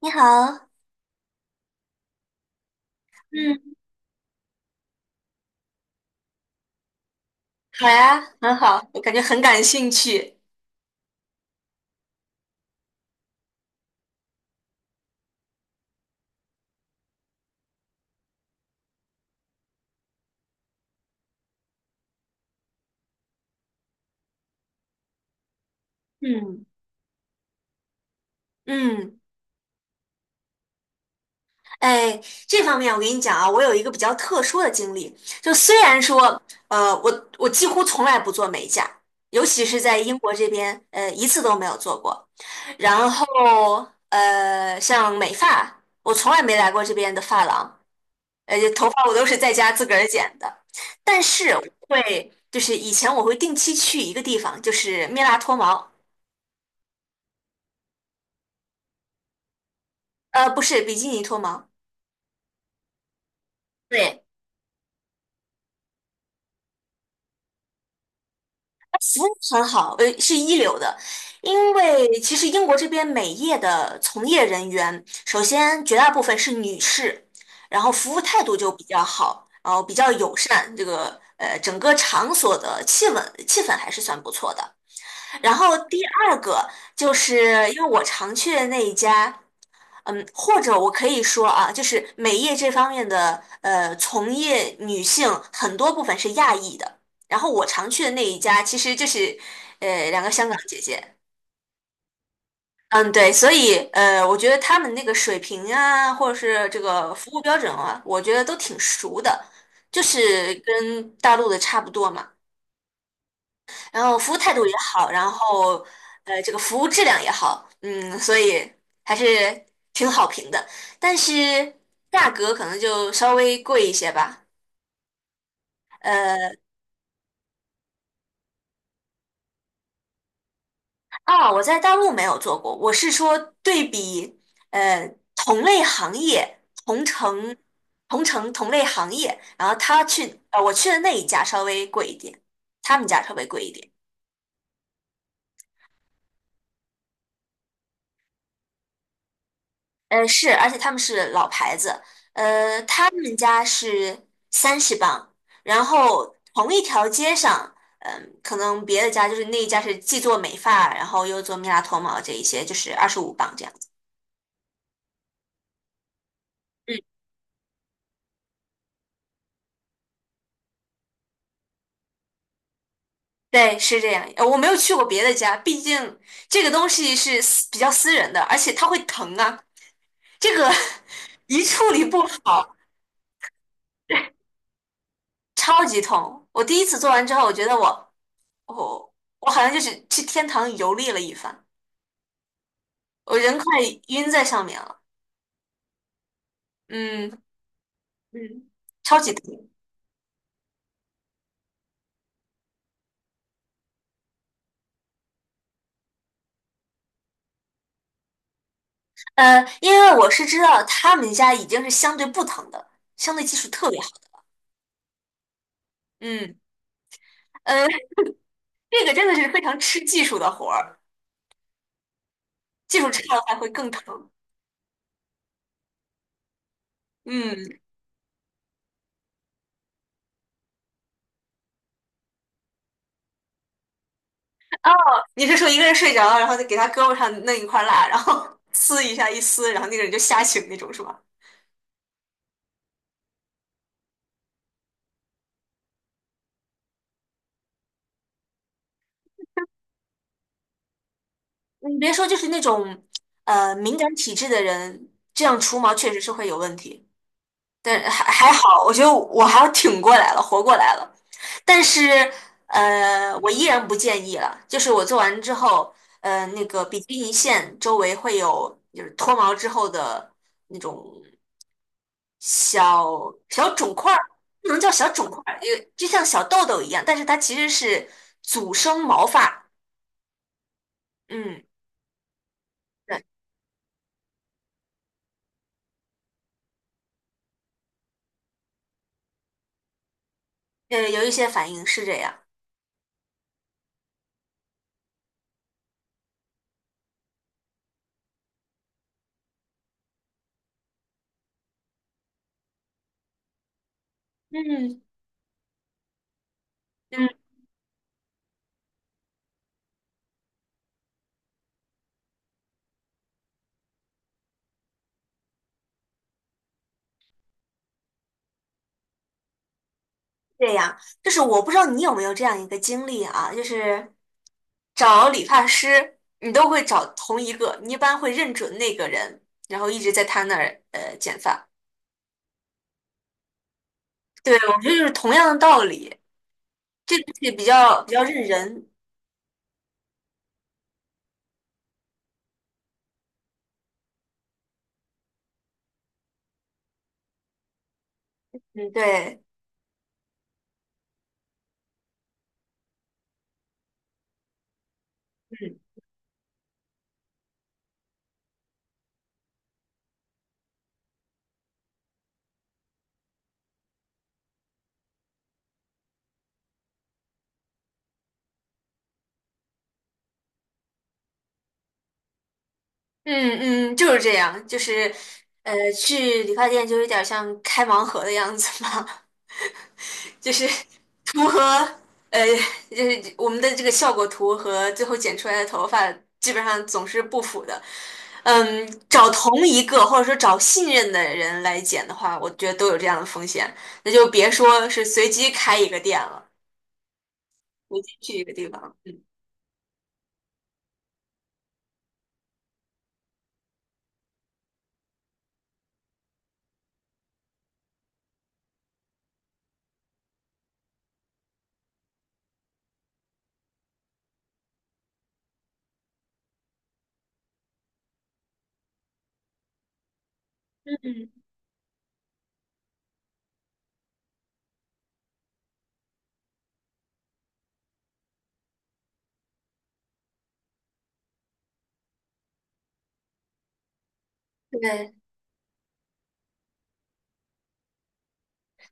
你好。嗯。好呀，很好，我感觉很感兴趣。嗯嗯。哎，这方面我跟你讲啊，我有一个比较特殊的经历。就虽然说，呃，我几乎从来不做美甲。尤其是在英国这边，一次都没有做过。然后，像美发，我从来没来过这边的发廊，而且头发我都是在家自个儿剪的。但是我会，就是以前我会定期去一个地方，就是蜜蜡脱毛。不是比基尼脱毛。对，服务很好，是一流的。因为其实英国这边美业的从业人员，首先绝大部分是女士，然后服务态度就比较好，然后比较友善，这个整个场所的气氛还是算不错的。然后第二个就是因为我常去的那一家。或者我可以说啊，就是美业这方面的从业女性很多部分是亚裔的。然后我常去的那一家其实就是两个香港姐姐。嗯，对。所以我觉得他们那个水平啊，或者是这个服务标准啊，我觉得都挺熟的，就是跟大陆的差不多嘛。然后服务态度也好，然后这个服务质量也好。嗯，所以还是挺好评的。但是价格可能就稍微贵一些吧。呃，我在大陆没有做过，我是说对比呃同类行业、同城同类行业，然后我去的那一家稍微贵一点，他们家稍微贵一点。是，而且他们是老牌子。他们家是30 磅。然后同一条街上，可能别的家，就是那一家是既做美发，然后又做蜜蜡脱毛这一些，就是25 磅这样子。嗯，对，是这样。我没有去过别的家，毕竟这个东西是比较私人的，而且它会疼啊。这个 一处理不好，超级痛。我第一次做完之后，我觉得我我好像就是去天堂游历了一番。我人快晕在上面了。嗯嗯。超级疼。因为我是知道他们家已经是相对不疼的，相对技术特别好。嗯。呃，这个真的是非常吃技术的活儿，技术差了还会更疼。嗯。哦，你是说一个人睡着了，然后再给他胳膊上弄一块蜡，然后 撕一下一撕，然后那个人就吓醒那种是吧？你别说，就是那种敏感体质的人，这样除毛确实是会有问题。但还好，我觉得我还挺过来了，活过来了。但是，我依然不建议了。就是我做完之后，那个比基尼线周围会有就是脱毛之后的那种小小肿块儿，不能叫小肿块儿，就像小痘痘一样，但是它其实是阻生毛发。嗯，对。有一些反应是这样。嗯嗯。这样，就是我不知道你有没有这样一个经历啊。就是找理发师，你都会找同一个，你一般会认准那个人，然后一直在他那儿剪发。对，我觉得就是同样的道理，这个东西比较认人。嗯，对，嗯嗯嗯。就是这样，就是去理发店就有点像开盲盒的样子嘛。就是 图和呃，就是我们的这个效果图和最后剪出来的头发基本上总是不符的。找同一个或者说找信任的人来剪的话，我觉得都有这样的风险，那就别说是随机开一个店了，随机去一个地方。嗯。嗯，对。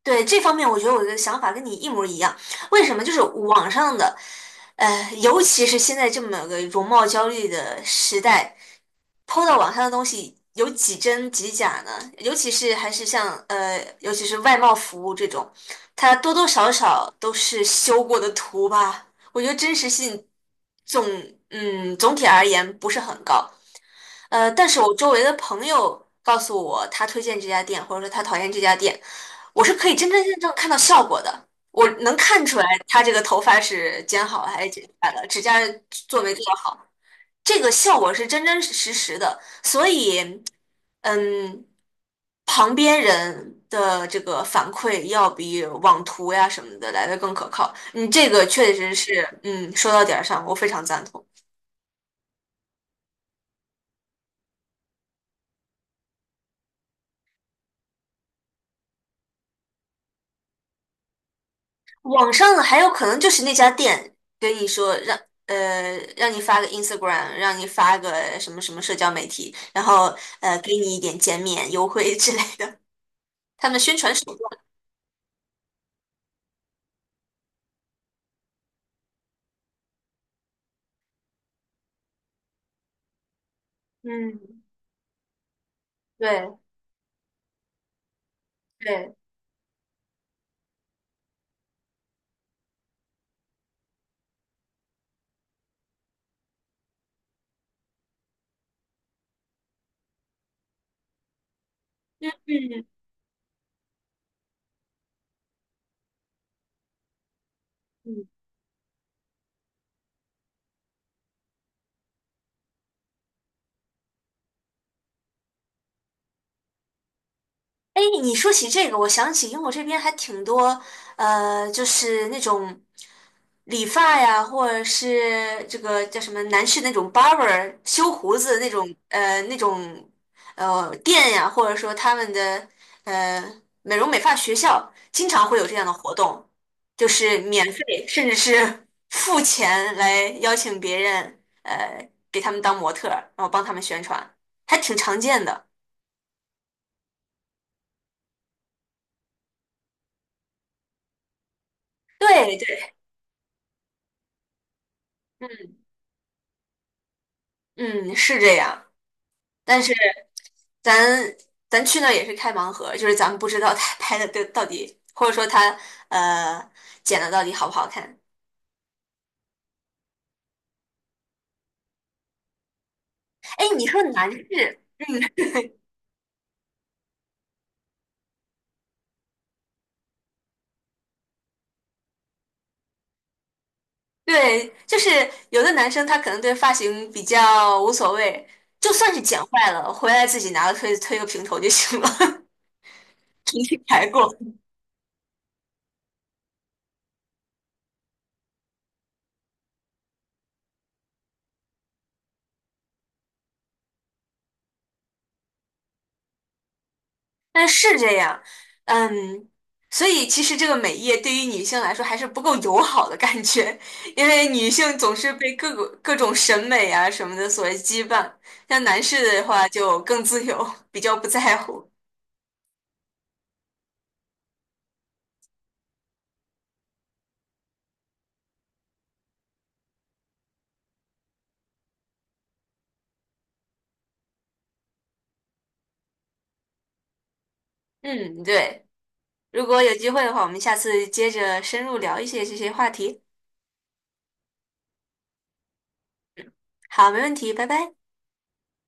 对这方面，我觉得我的想法跟你一模一样。为什么？就是网上的，尤其是现在这么个容貌焦虑的时代，PO 到网上的东西有几真几假呢？尤其是外贸服务这种，它多多少少都是修过的图吧。我觉得真实性总总体而言不是很高。但是我周围的朋友告诉我，他推荐这家店，或者说他讨厌这家店，我是可以真真正正看到效果的。我能看出来他这个头发是剪好了还是剪下来的，指甲做没做好，这个效果是真真实实的。所以，嗯，旁边人的这个反馈要比网图呀什么的来的更可靠。嗯，这个确实是。嗯，说到点儿上，我非常赞同。网上的还有可能就是那家店跟你说让你发个 Instagram，让你发个什么什么社交媒体，然后给你一点减免优惠之类的，他们宣传手段。嗯，对对，嗯嗯嗯。哎，你说起这个，我想起英国这边还挺多。就是那种理发呀，或者是这个叫什么男士那种 barber 修胡子那种。那种店呀，或者说他们的美容美发学校，经常会有这样的活动，就是免费甚至是 付钱来邀请别人，给他们当模特儿，然后帮他们宣传，还挺常见的。对对，嗯。嗯，是这样。但是咱咱去那儿也是开盲盒，就是咱们不知道他拍的到底，或者说他呃剪的到底好不好看。哎，你说男士。嗯，对，就是有的男生他可能对发型比较无所谓，就算是剪坏了，回来自己拿个推推个平头就行了。重新来过。但是这样。嗯，所以其实这个美业对于女性来说还是不够友好的感觉。因为女性总是被各种审美啊什么的所羁绊，像男士的话就更自由，比较不在乎。嗯，对。如果有机会的话，我们下次接着深入聊一些这些话题。好，没问题，拜拜。